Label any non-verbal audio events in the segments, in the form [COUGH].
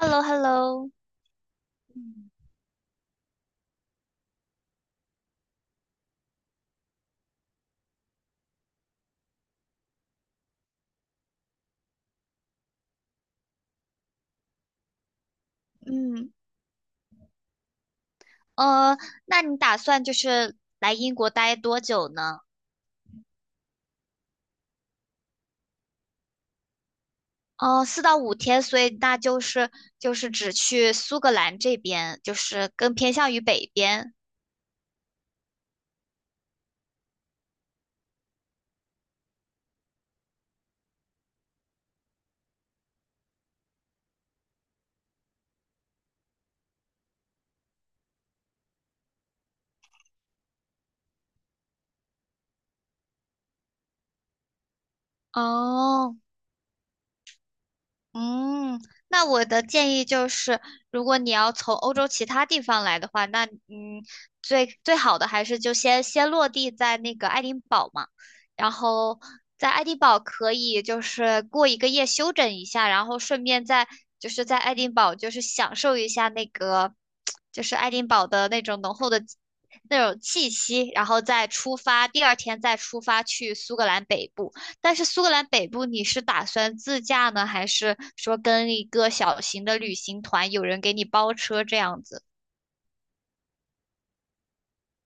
h e l l o h e l l o 嗯，呃，那你打算就是来英国待多久呢？哦，四到五天，所以那就是就是只去苏格兰这边，就是更偏向于北边。哦，嗯，那我的建议就是，如果你要从欧洲其他地方来的话，那最好的还是就先落地在那个爱丁堡嘛，然后在爱丁堡可以就是过一个夜休整一下，然后顺便在就是在爱丁堡就是享受一下那个就是爱丁堡的那种浓厚的那种气息，然后再出发，第二天再出发去苏格兰北部。但是苏格兰北部你是打算自驾呢，还是说跟一个小型的旅行团，有人给你包车这样子？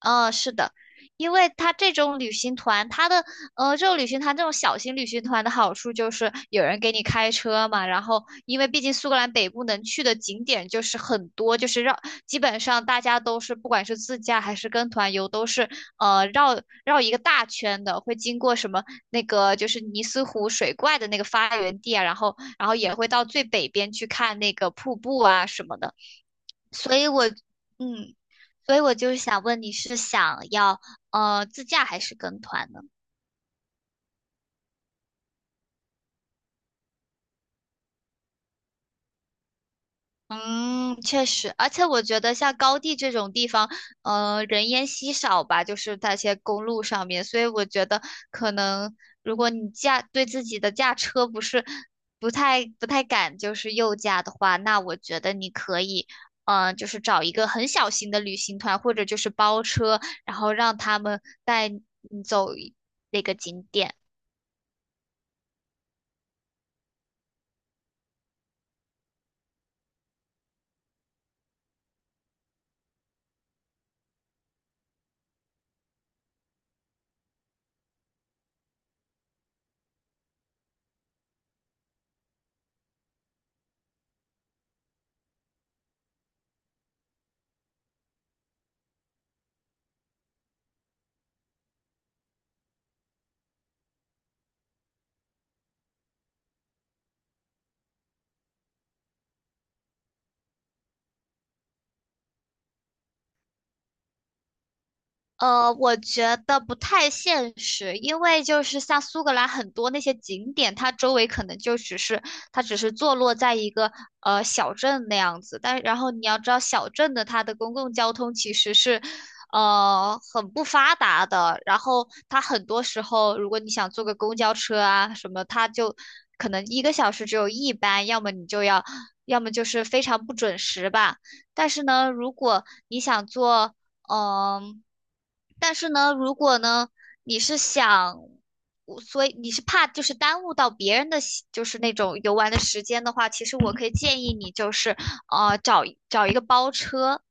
嗯，是的，因为它这种旅行团，它的这种旅行团这种小型旅行团的好处就是有人给你开车嘛，然后因为毕竟苏格兰北部能去的景点就是很多，就是绕，基本上大家都是不管是自驾还是跟团游，都是绕绕一个大圈的，会经过什么那个就是尼斯湖水怪的那个发源地啊，然后也会到最北边去看那个瀑布啊什么的。所以我，嗯，所以我就是想问你是想要自驾还是跟团呢？嗯，确实，而且我觉得像高地这种地方，人烟稀少吧，就是那些公路上面，所以我觉得可能如果你驾对自己的驾车不是不太敢，就是右驾的话，那我觉得你可以，嗯，就是找一个很小型的旅行团，或者就是包车，然后让他们带你走一那个景点。我觉得不太现实，因为就是像苏格兰很多那些景点，它周围可能就只是它只是坐落在一个小镇那样子，但然后你要知道小镇的它的公共交通其实是很不发达的，然后它很多时候如果你想坐个公交车啊什么，它就可能一个小时只有一班，要么你就要，要么就是非常不准时吧。但是呢，如果你想坐。嗯，但是呢，如果呢，你是想，我所以你是怕就是耽误到别人的喜就是那种游玩的时间的话，其实我可以建议你就是，找一个包车，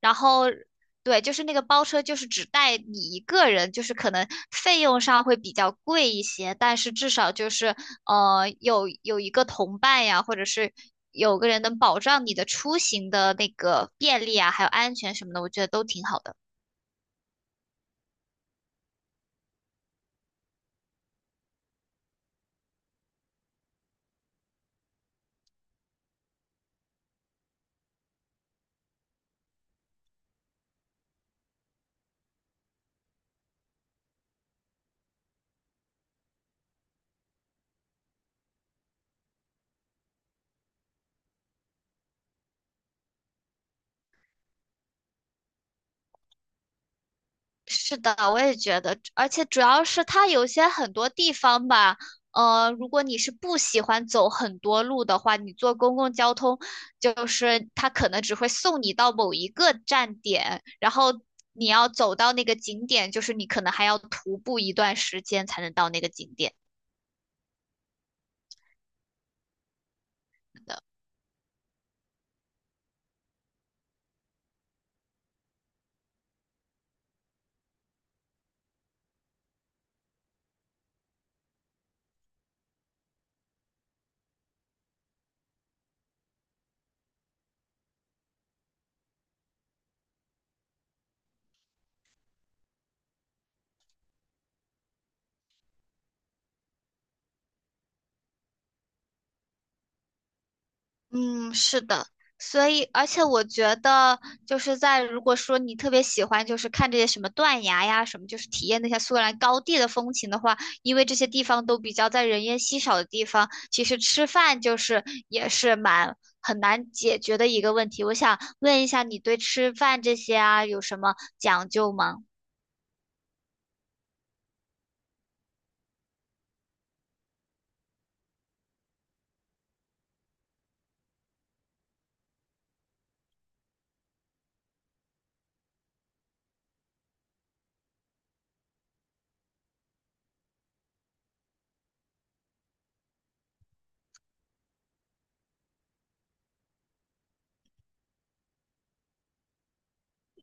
然后对，就是那个包车就是只带你一个人，就是可能费用上会比较贵一些，但是至少就是有一个同伴呀，或者是。有个人能保障你的出行的那个便利啊，还有安全什么的，我觉得都挺好的。是的，我也觉得，而且主要是它有些很多地方吧，如果你是不喜欢走很多路的话，你坐公共交通，就是它可能只会送你到某一个站点，然后你要走到那个景点，就是你可能还要徒步一段时间才能到那个景点。的。嗯，是的，所以而且我觉得就是在如果说你特别喜欢就是看这些什么断崖呀什么，就是体验那些苏格兰高地的风情的话，因为这些地方都比较在人烟稀少的地方，其实吃饭就是也是蛮很难解决的一个问题。我想问一下，你对吃饭这些啊有什么讲究吗？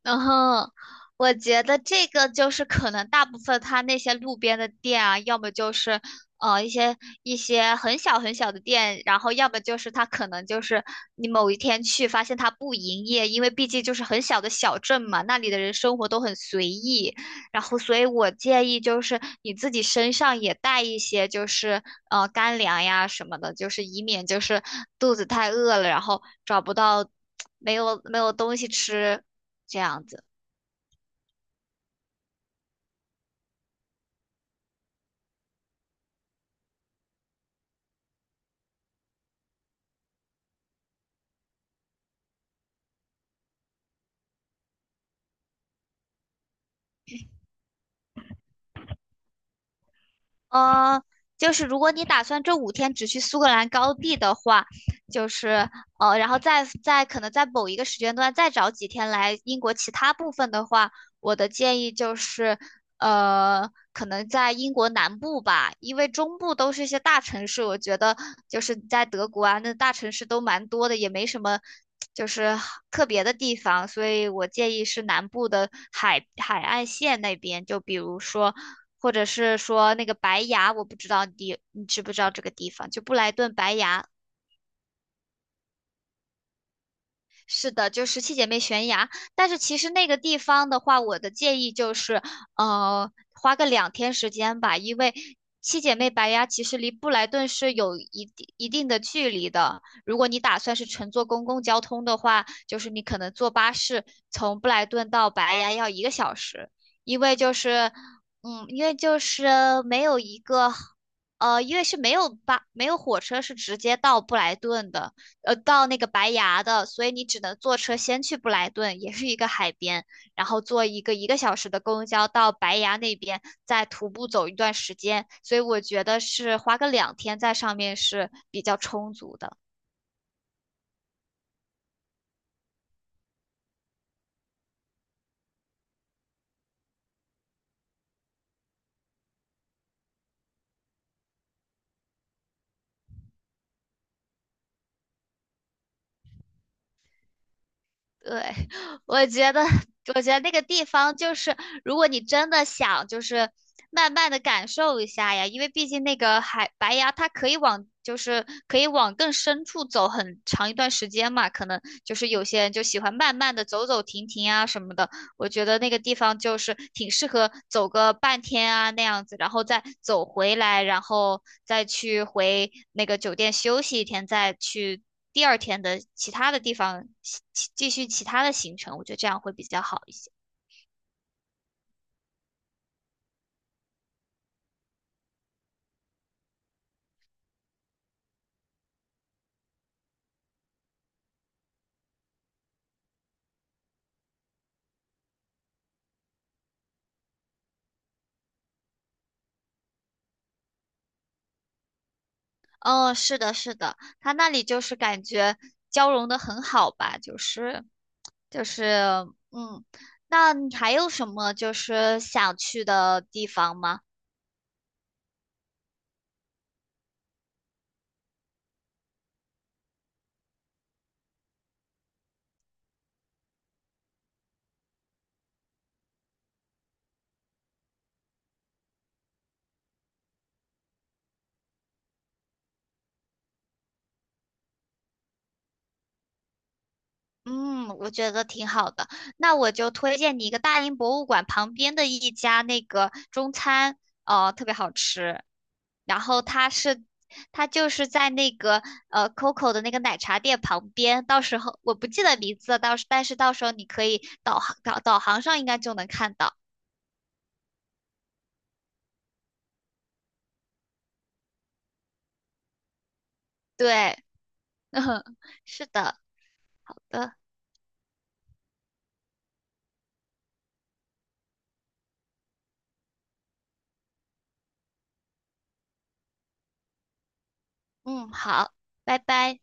然后我觉得这个就是可能大部分他那些路边的店啊，要么就是呃一些一些很小很小的店，然后要么就是他可能就是你某一天去发现他不营业，因为毕竟就是很小的小镇嘛，那里的人生活都很随意。然后所以我建议就是你自己身上也带一些就是干粮呀什么的，就是以免就是肚子太饿了，然后找不到 [TSK] 没有没有东西吃。这样子。呃，就是如果你打算这五天只去苏格兰高地的话，就是然后再可能在某一个时间段再找几天来英国其他部分的话，我的建议就是，可能在英国南部吧，因为中部都是一些大城市，我觉得就是在德国啊，那大城市都蛮多的，也没什么就是特别的地方，所以我建议是南部的海岸线那边，就比如说，或者是说那个白崖，我不知道你知不知道这个地方，就布莱顿白崖。是的，就十七姐妹悬崖。但是其实那个地方的话，我的建议就是，花个两天时间吧，因为七姐妹白崖其实离布莱顿是有一定的距离的。如果你打算是乘坐公共交通的话，就是你可能坐巴士从布莱顿到白崖要一个小时，因为就是，嗯，因为就是没有一个，因为是没有没有火车是直接到布莱顿的。到那个白崖的，所以你只能坐车先去布莱顿，也是一个海边，然后坐一个小时的公交到白崖那边，再徒步走一段时间。所以我觉得是花个两天在上面是比较充足的。对，[LAUGHS] 我觉得，我觉得那个地方就是，如果你真的想，就是慢慢的感受一下呀，因为毕竟那个海白崖，它可以往，就是可以往更深处走很长一段时间嘛，可能就是有些人就喜欢慢慢的走走停停啊什么的，我觉得那个地方就是挺适合走个半天啊那样子，然后再走回来，然后再去回那个酒店休息一天，再去第二天的其他的地方其继续其他的行程，我觉得这样会比较好一些。嗯，是的，是的，他那里就是感觉交融的很好吧，就是嗯，那你还有什么就是想去的地方吗？嗯，我觉得挺好的。那我就推荐你一个大英博物馆旁边的一家那个中餐，哦，特别好吃。然后它是，它就是在那个Coco 的那个奶茶店旁边。到时候我不记得名字了但是到时候你可以导航导航上应该就能看到。对，[LAUGHS] 嗯，是的，好的，嗯，好，拜拜。